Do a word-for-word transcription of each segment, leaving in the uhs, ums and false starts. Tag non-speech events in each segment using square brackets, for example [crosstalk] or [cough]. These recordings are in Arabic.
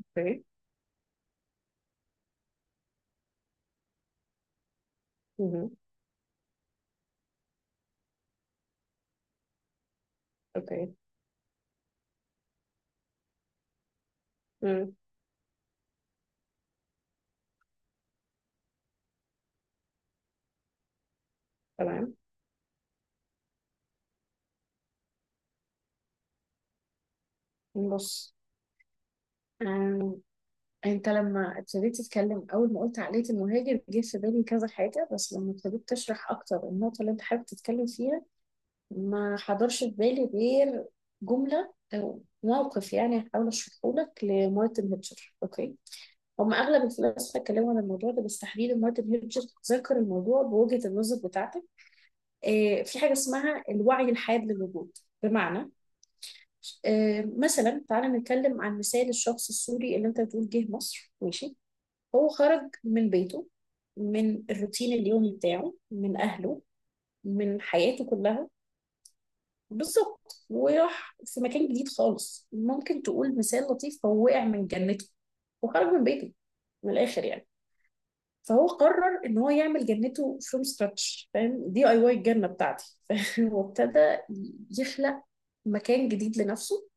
اوكي. مهم. اوكي. مم. تمام. بص، آم، انت لما ابتديت تتكلم اول ما قلت عقلية المهاجر جه في بالي كذا حاجة. بس لما ابتديت تشرح اكتر النقطة اللي انت حابب تتكلم فيها، ما حضرش في بالي غير جملة او موقف. يعني هحاول اشرحه لك لمارتن هيتشر. اوكي. هم اغلب الفلاسفه اتكلموا عن الموضوع ده، بس تحديدا مارتن هيتشر ذكر الموضوع بوجهة النظر بتاعتك. آه، في حاجة اسمها الوعي الحاد للوجود. بمعنى آه، مثلا، تعالى نتكلم عن مثال الشخص السوري اللي انت بتقول جه مصر. ماشي، هو خرج من بيته، من الروتين اليومي بتاعه، من اهله، من حياته كلها. بالظبط. وراح في مكان جديد خالص. ممكن تقول مثال لطيف، هو وقع من جنته وخرج من بيته. من الاخر يعني. فهو قرر ان هو يعمل جنته فروم سكراتش. فاهم؟ دي اي واي الجنه بتاعتي. [laughs] فاهم. وابتدى يخلق مكان جديد لنفسه.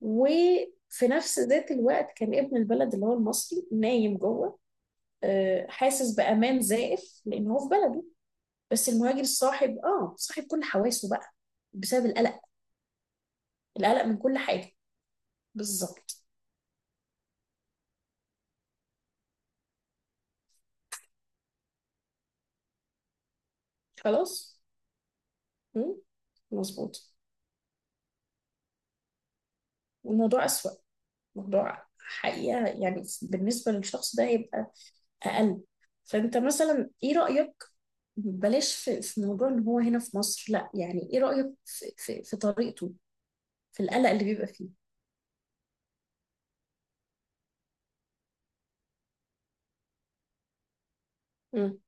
وفي نفس ذات الوقت كان ابن البلد اللي هو المصري نايم جوه، آه، حاسس بأمان زائف لأن هو في بلده. بس المهاجر صاحب اه صاحب كل حواسه بقى، بسبب القلق. القلق من كل حاجة. بالظبط. خلاص. مم؟ مظبوط. الموضوع أسوأ. موضوع حقيقة يعني، بالنسبة للشخص ده هيبقى أقل. فأنت مثلا إيه رأيك؟ بلاش في, في موضوع إن هو هنا في مصر، لا. يعني إيه رأيك في, في, في طريقته، في القلق اللي بيبقى فيه؟ مم.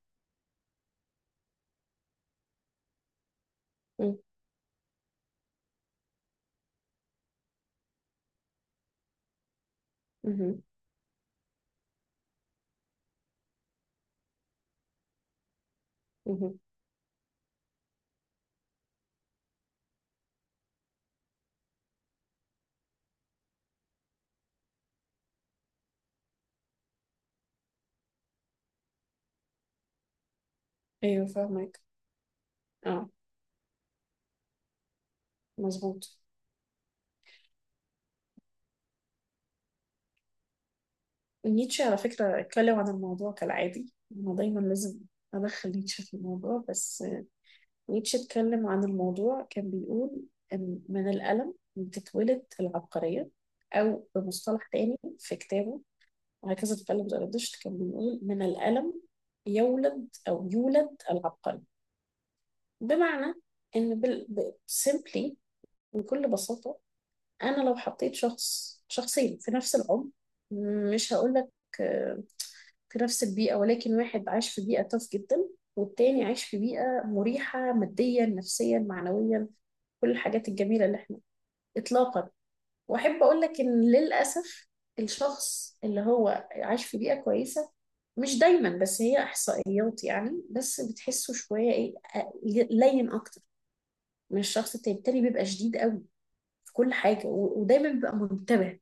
مم. مهم. مهم. ايوه فاهمك. اه. مظبوط. نيتشه على فكرة اتكلم عن الموضوع، كالعادي انا دايما لازم ادخل نيتشه في الموضوع. بس نيتشه اتكلم عن الموضوع، كان بيقول ان من الألم بتتولد العبقرية. او بمصطلح تاني في كتابه وهكذا اتكلم زرادشت، كان بيقول من الألم يولد او يولد العبقري. بمعنى ان بال... ب... simply، بكل بساطة، انا لو حطيت شخص شخصين في نفس العمر، مش هقولك آه، في نفس البيئة، ولكن واحد عايش في بيئة تاف جدا، والتاني عايش في بيئة مريحة ماديا نفسيا معنويا. كل الحاجات الجميلة اللي احنا. اطلاقا. واحب اقول لك ان للاسف الشخص اللي هو عايش في بيئة كويسة، مش دايما بس هي احصائيات يعني، بس بتحسه شوية ايه آه، لين اكتر من الشخص التاني التاني بيبقى شديد قوي في كل حاجة، و- ودايما بيبقى منتبه.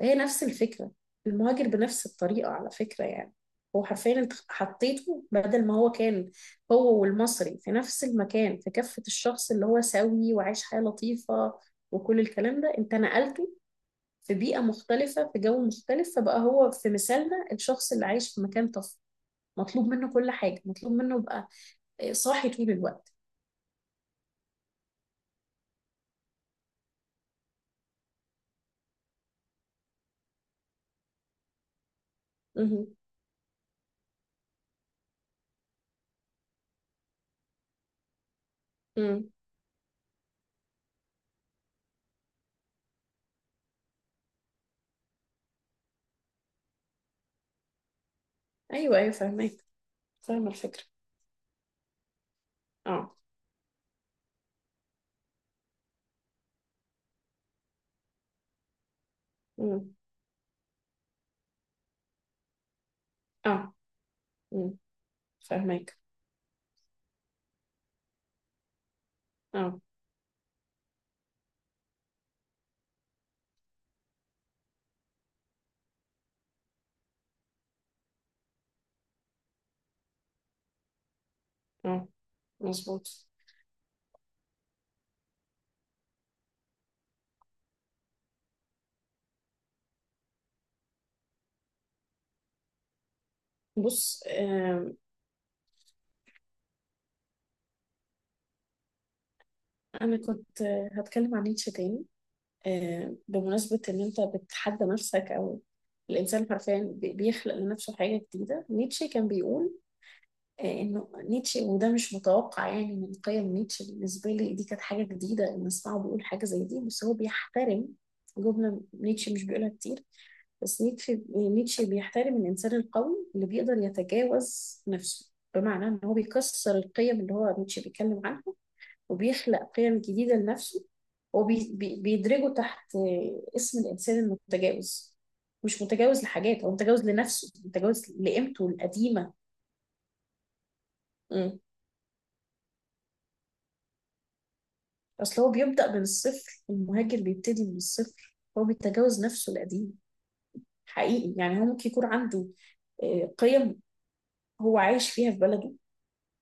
هي نفس الفكرة. المهاجر بنفس الطريقة على فكرة يعني، هو حرفيا انت حطيته. بدل ما هو كان هو والمصري في نفس المكان، في كفة الشخص اللي هو سوي وعايش حياة لطيفة وكل الكلام ده، انت نقلته في بيئة مختلفة، في جو مختلف. فبقى هو في مثالنا الشخص اللي عايش في مكان طفل، مطلوب منه كل حاجة، مطلوب منه يبقى صاحي طول الوقت. مه. مه. ايوه ايوه فاهمك. فاهمة الفكرة. اه. مه. اه. مه. فاهمك. اه. اه. مظبوط. بص، آم، أنا كنت آه، هتكلم عن نيتشه تاني. آم، بمناسبة إن أنت بتحدى نفسك، أو الإنسان حرفيا بي- بيخلق لنفسه حاجة جديدة. نيتشه كان بيقول آه، إنه، نيتشه وده مش متوقع يعني من قيم نيتشه، بالنسبة لي دي كانت حاجة جديدة إن أسمعه بيقول حاجة زي دي. بس هو بيحترم، جملة نيتشه مش بيقولها كتير. بس نيتشه نيتشه بيحترم الإنسان القوي اللي بيقدر يتجاوز نفسه. بمعنى إن هو بيكسر القيم اللي هو نيتشه بيتكلم عنها، وبيخلق قيم جديدة لنفسه. وبيدرجه تحت اسم الإنسان المتجاوز. مش متجاوز لحاجات، هو متجاوز لنفسه، متجاوز لقيمته القديمة. مم. أصل هو بيبدأ من الصفر. المهاجر بيبتدي من الصفر، هو بيتجاوز نفسه القديم. حقيقي يعني، هو ممكن يكون عنده آه، قيم هو عايش فيها في بلده.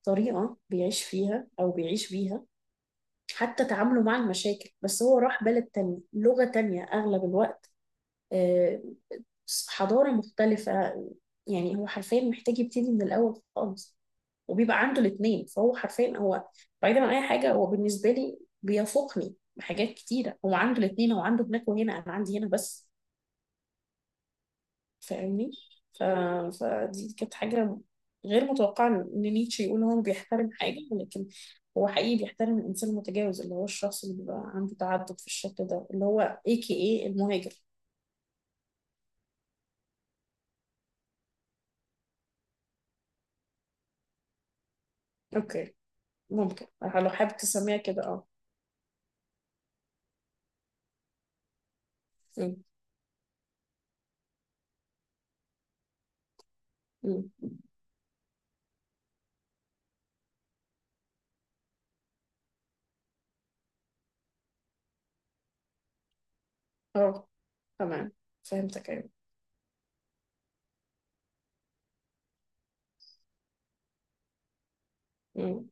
طريقة بيعيش فيها أو بيعيش بيها، حتى تعامله مع المشاكل. بس هو راح بلد تانية، لغة تانية أغلب الوقت، آه، حضارة مختلفة. يعني هو حرفيا محتاج يبتدي من الأول خالص. وبيبقى عنده الاتنين. فهو حرفيا هو، بعيدا عن أي حاجة، هو بالنسبة لي بيفوقني بحاجات كتيرة. هو عنده الاتنين، هو عنده هناك وهنا، أنا عندي هنا بس. فاهمني. ف... فدي كانت حاجة غير متوقعة، إن نيتشه يقول هو بيحترم حاجة. ولكن هو حقيقي بيحترم الإنسان المتجاوز اللي هو الشخص اللي بيبقى عنده تعدد في الشكل ده، اللي هو اي كي اي المهاجر. اوكي. ممكن، لو حابب تسميها كده، اه. مم. مم. اه. تمام. فهمتك. ايوه. مم.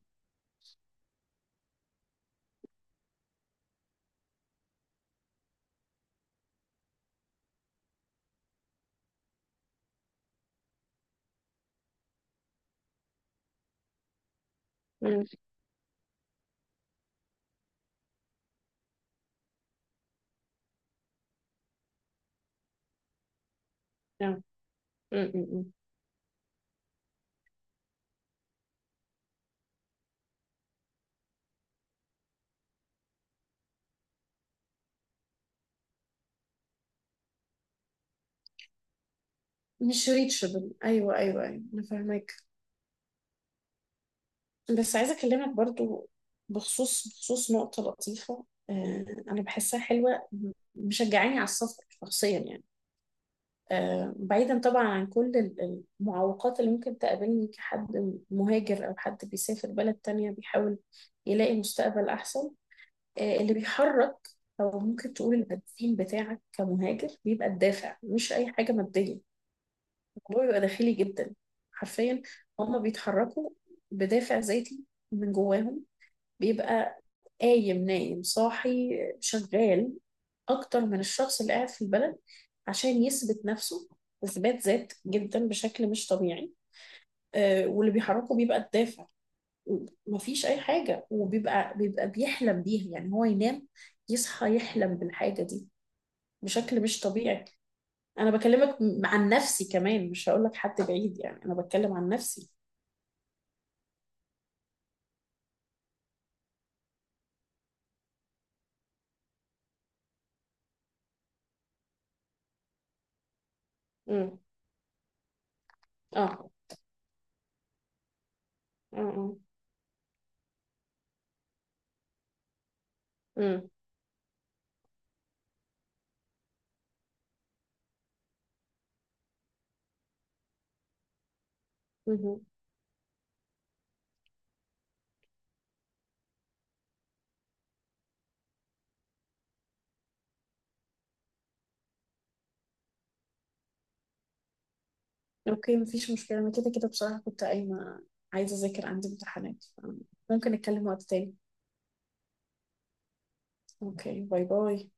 مم. نعم. مم. مم. مم. مش ريتشبل. ايوه ايوه ايوه انا فاهمك. بس عايزه اكلمك برضو بخصوص بخصوص نقطه لطيفه. آه انا بحسها حلوه، م- مشجعاني على السفر شخصيا يعني. آه بعيدا طبعا عن كل ال- المعوقات اللي ممكن تقابلني كحد مهاجر او حد بيسافر بلد تانية بيحاول يلاقي مستقبل احسن. آه، اللي بيحرك او ممكن تقول البنزين بتاعك كمهاجر بيبقى الدافع، مش اي حاجه ماديه. الموضوع بيبقى داخلي جدا. حرفيا. هما بيتحركوا بدافع ذاتي من جواهم. بيبقى قايم نايم صاحي شغال اكتر من الشخص اللي قاعد في البلد، عشان يثبت نفسه. اثبات ذات جدا بشكل مش طبيعي. آه، واللي بيحركه بيبقى الدافع. مفيش اي حاجه. وبيبقى بيبقى بيحلم بيها يعني. هو ينام يصحى يحلم بالحاجه دي بشكل مش طبيعي. انا بكلمك م- عن نفسي كمان، مش هقول لك حد بعيد يعني، انا بتكلم عن نفسي. امم. اه. اه. امم. امم. مهم. اوكي مفيش مشكله. انا كده كده بصراحه كنت قايمه، عايزه اذاكر، عندي امتحانات. ممكن نتكلم وقت تاني. اوكي باي باي.